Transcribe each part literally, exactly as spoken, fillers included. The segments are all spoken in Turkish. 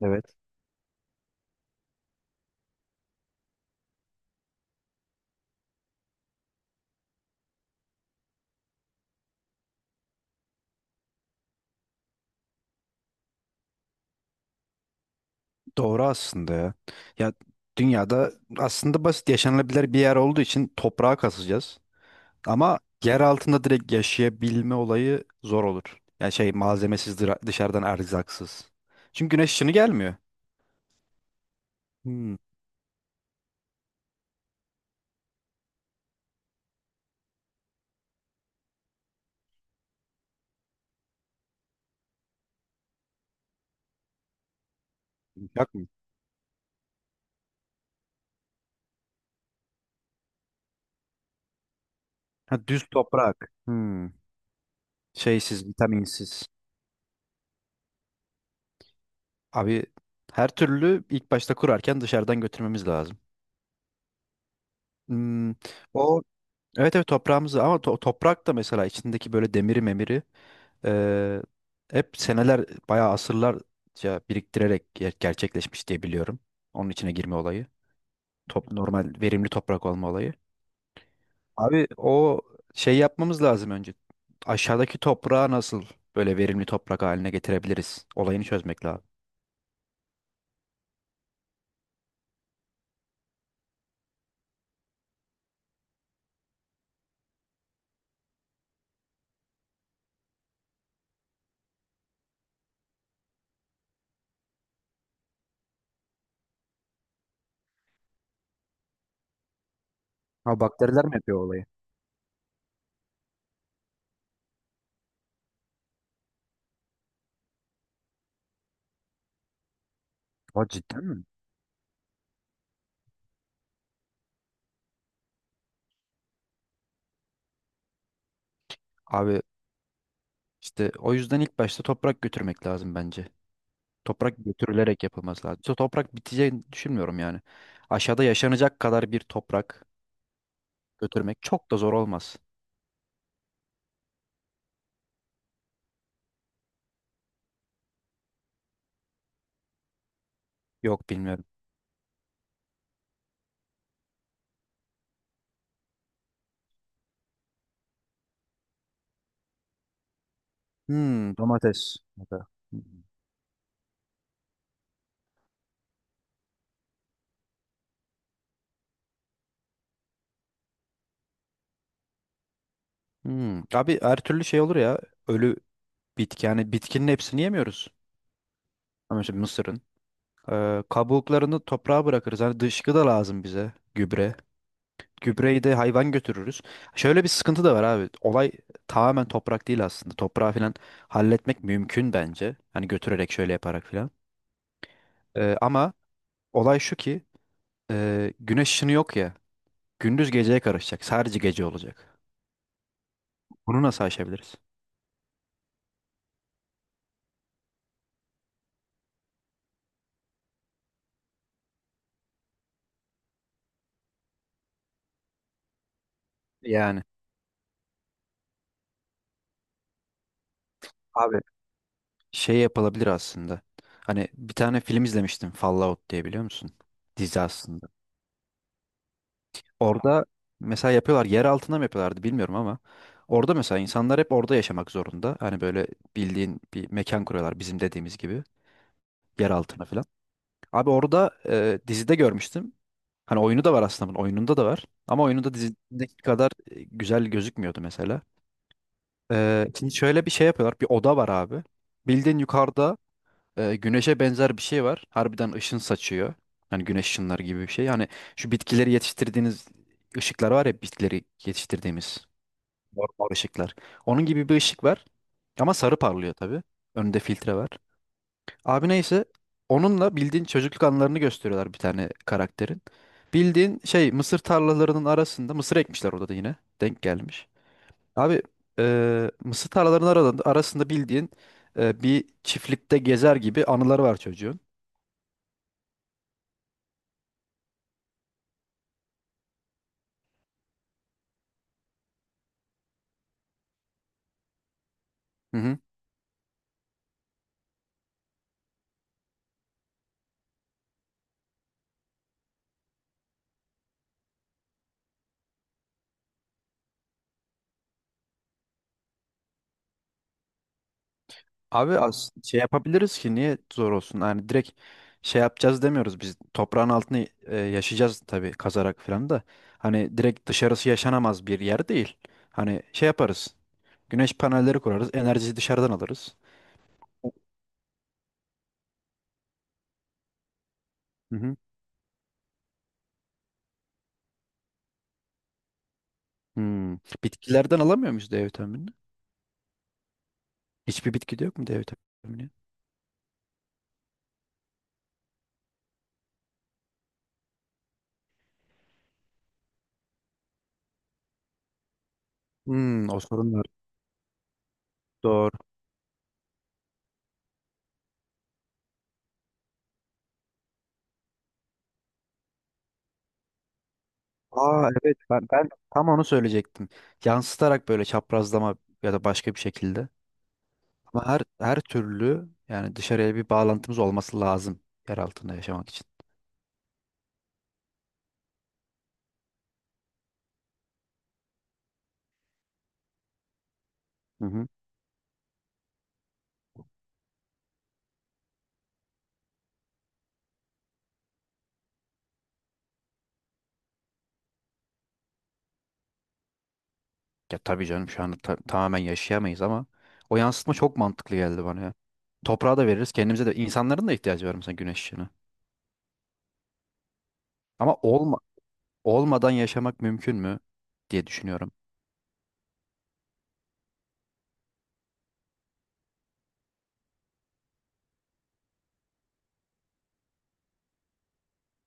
Evet. Doğru aslında ya. Ya dünyada aslında basit yaşanılabilir bir yer olduğu için toprağa kasacağız. Ama yer altında direkt yaşayabilme olayı zor olur. Yani şey malzemesiz dıra- dışarıdan erzaksız. Çünkü güneş ışını gelmiyor. Hmm, yok mu? Ha, düz toprak. Hmm, şeysiz, vitaminsiz. Abi her türlü ilk başta kurarken dışarıdan götürmemiz lazım. Hmm, o evet evet toprağımızı ama to- toprak da mesela içindeki böyle demiri memiri. Ee, Hep seneler bayağı asırlarca biriktirerek ger- gerçekleşmiş diye biliyorum. Onun içine girme olayı. Top, normal verimli toprak olma olayı. Abi o şey yapmamız lazım önce. Aşağıdaki toprağı nasıl böyle verimli toprak haline getirebiliriz? Olayını çözmek lazım. Ha, bakteriler mi yapıyor olayı? O cidden mi? Abi işte o yüzden ilk başta toprak götürmek lazım bence. Toprak götürülerek yapılması lazım. İşte toprak biteceğini düşünmüyorum yani. Aşağıda yaşanacak kadar bir toprak götürmek çok da zor olmaz. Yok, bilmiyorum. Hmm, domates. Ya da- Hmm. Hmm. Abi her türlü şey olur ya. Ölü bitki, yani bitkinin hepsini yemiyoruz. Ama mesela mısırın. Ee, kabuklarını toprağa bırakırız. Hani dışkı da lazım bize. Gübre. Gübreyi de hayvan götürürüz. Şöyle bir sıkıntı da var abi. Olay tamamen toprak değil aslında. Toprağı falan halletmek mümkün bence. Hani götürerek şöyle yaparak falan. Ee, ama olay şu ki e, güneş ışını yok ya. Gündüz geceye karışacak. Sadece gece olacak. Bunu nasıl aşabiliriz? Yani abi şey yapılabilir aslında. Hani bir tane film izlemiştim. Fallout diye biliyor musun? Dizi aslında. Orada mesela yapıyorlar, yer altına mı yapıyorlardı bilmiyorum ama orada mesela insanlar hep orada yaşamak zorunda. Hani böyle bildiğin bir mekan kuruyorlar bizim dediğimiz gibi yer altına falan. Abi orada e, dizide görmüştüm. Hani oyunu da var aslında bunun, oyununda da var. Ama oyununda dizideki kadar e, güzel gözükmüyordu mesela. E, şimdi şöyle bir şey yapıyorlar. Bir oda var abi. Bildiğin yukarıda e, güneşe benzer bir şey var. Harbiden ışın saçıyor. Hani güneş ışınları gibi bir şey. Hani şu bitkileri yetiştirdiğiniz ışıklar var ya, bitkileri yetiştirdiğimiz normal ışıklar. Onun gibi bir ışık var. Ama sarı parlıyor tabii. Önünde filtre var. Abi neyse, onunla bildiğin çocukluk anılarını gösteriyorlar bir tane karakterin. Bildiğin şey, mısır tarlalarının arasında mısır ekmişler orada da yine. Denk gelmiş. Abi e, mısır tarlalarının arasında, arasında bildiğin e, bir çiftlikte gezer gibi anıları var çocuğun. Hı hı. Abi az şey yapabiliriz ki niye zor olsun? Yani direkt şey yapacağız demiyoruz biz. Toprağın altını e, yaşayacağız tabii kazarak falan da. Hani direkt dışarısı yaşanamaz bir yer değil. Hani şey yaparız. Güneş panelleri kurarız. Enerjiyi dışarıdan alırız. Hı hı. Hmm. Bitkilerden alamıyor muyuz D vitaminini? Hiçbir bitkide yok mu D vitamini? Hmm, o sorun var. Doğru. Aa, evet ben, ben tam onu söyleyecektim. Yansıtarak böyle çaprazlama ya da başka bir şekilde. Ama her her türlü yani dışarıya bir bağlantımız olması lazım yer altında yaşamak için. Hı hı. Ya tabii canım, şu anda ta- tamamen yaşayamayız ama o yansıtma çok mantıklı geldi bana ya. Toprağa da veririz, kendimize de, insanların da ihtiyacı var mesela güneş ışığına. Ama olma olmadan yaşamak mümkün mü diye düşünüyorum.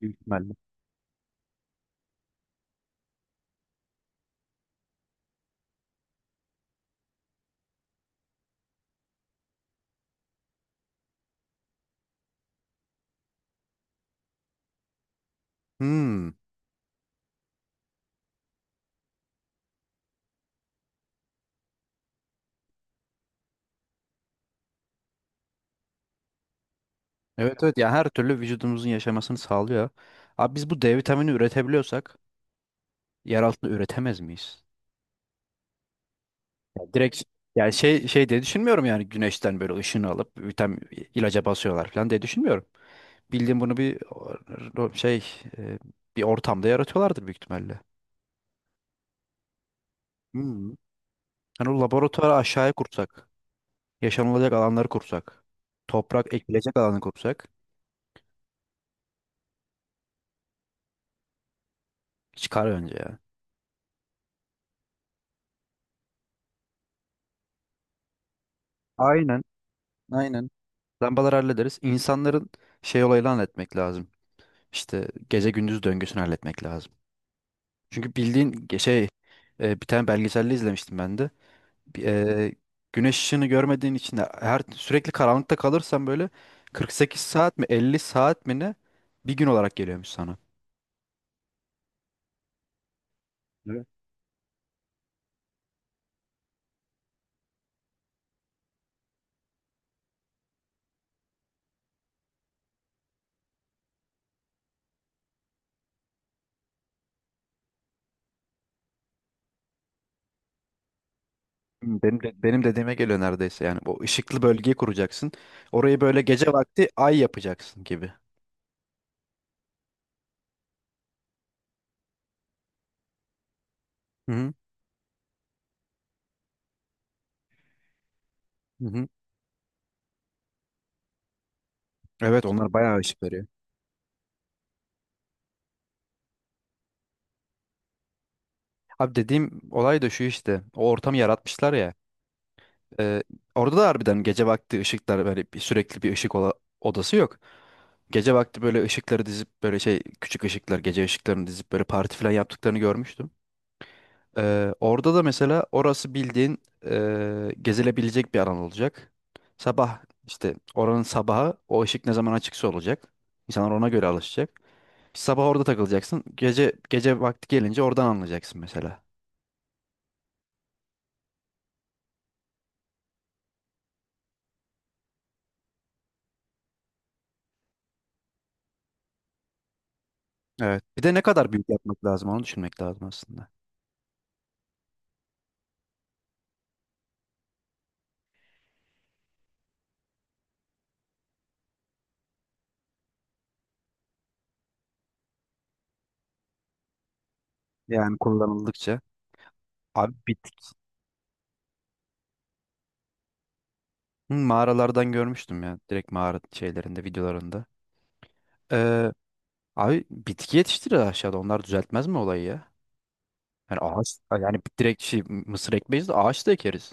Büyük ihtimalle. Hmm. Evet, evet ya, her türlü vücudumuzun yaşamasını sağlıyor. Abi biz bu D vitamini üretebiliyorsak yer altında üretemez miyiz? Yani direkt, yani şey şey diye düşünmüyorum, yani güneşten böyle ışını alıp vitamin ilaca basıyorlar falan diye düşünmüyorum. Bildiğim bunu bir o- şey, e, bir ortamda yaratıyorlardır büyük ihtimalle. Hmm. Hani o laboratuvarı aşağıya kursak, yaşanılacak alanları kursak, toprak ekilecek alanı kursak çıkar önce ya. Aynen, aynen. Lambaları hallederiz. İnsanların şey olayını halletmek lazım. İşte gece gündüz döngüsünü halletmek lazım. Çünkü bildiğin ge- şey, e, bir tane belgeselde izlemiştim ben de. Eee, Güneş ışığını görmediğin için de, her sürekli karanlıkta kalırsan böyle kırk sekiz saat mi elli saat mi ne bir gün olarak geliyormuş sana. Evet. Hmm, Benim, de- benim dediğime geliyor neredeyse, yani bu ışıklı bölgeyi kuracaksın. Orayı böyle gece vakti ay yapacaksın gibi. Hı hı. Hı hı. Evet, onlar bayağı ışık veriyor. Abi dediğim olay da şu, işte o ortamı yaratmışlar ya. Ee, Orada da harbiden gece vakti ışıklar böyle bir, sürekli bir ışık ola- odası yok. Gece vakti böyle ışıkları dizip böyle şey küçük ışıklar, gece ışıklarını dizip böyle parti falan yaptıklarını görmüştüm. Ee, orada da mesela orası bildiğin e, gezilebilecek bir alan olacak. Sabah işte oranın sabahı o ışık ne zaman açıksa olacak. İnsanlar ona göre alışacak. Sabah orada takılacaksın. Gece gece vakti gelince oradan anlayacaksın mesela. Evet. Bir de ne kadar büyük yapmak lazım onu düşünmek lazım aslında. Yani kullanıldıkça. Abi bitki. Hı, mağaralardan görmüştüm ya. Direkt mağara şeylerinde, videolarında. Ee, Abi bitki yetiştirir aşağıda. Onlar düzeltmez mi olayı ya? Yani ağaç, yani direkt şey mısır ekmeyiz de ağaç da ekeriz.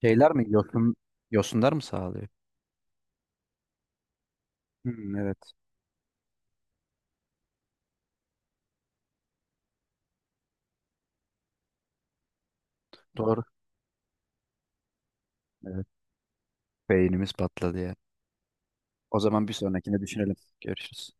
Şeyler mi? Yosun, yosunlar mı sağlıyor? Hmm, evet. Doğru. Evet. Beynimiz patladı ya. O zaman bir sonrakine düşünelim. Görüşürüz.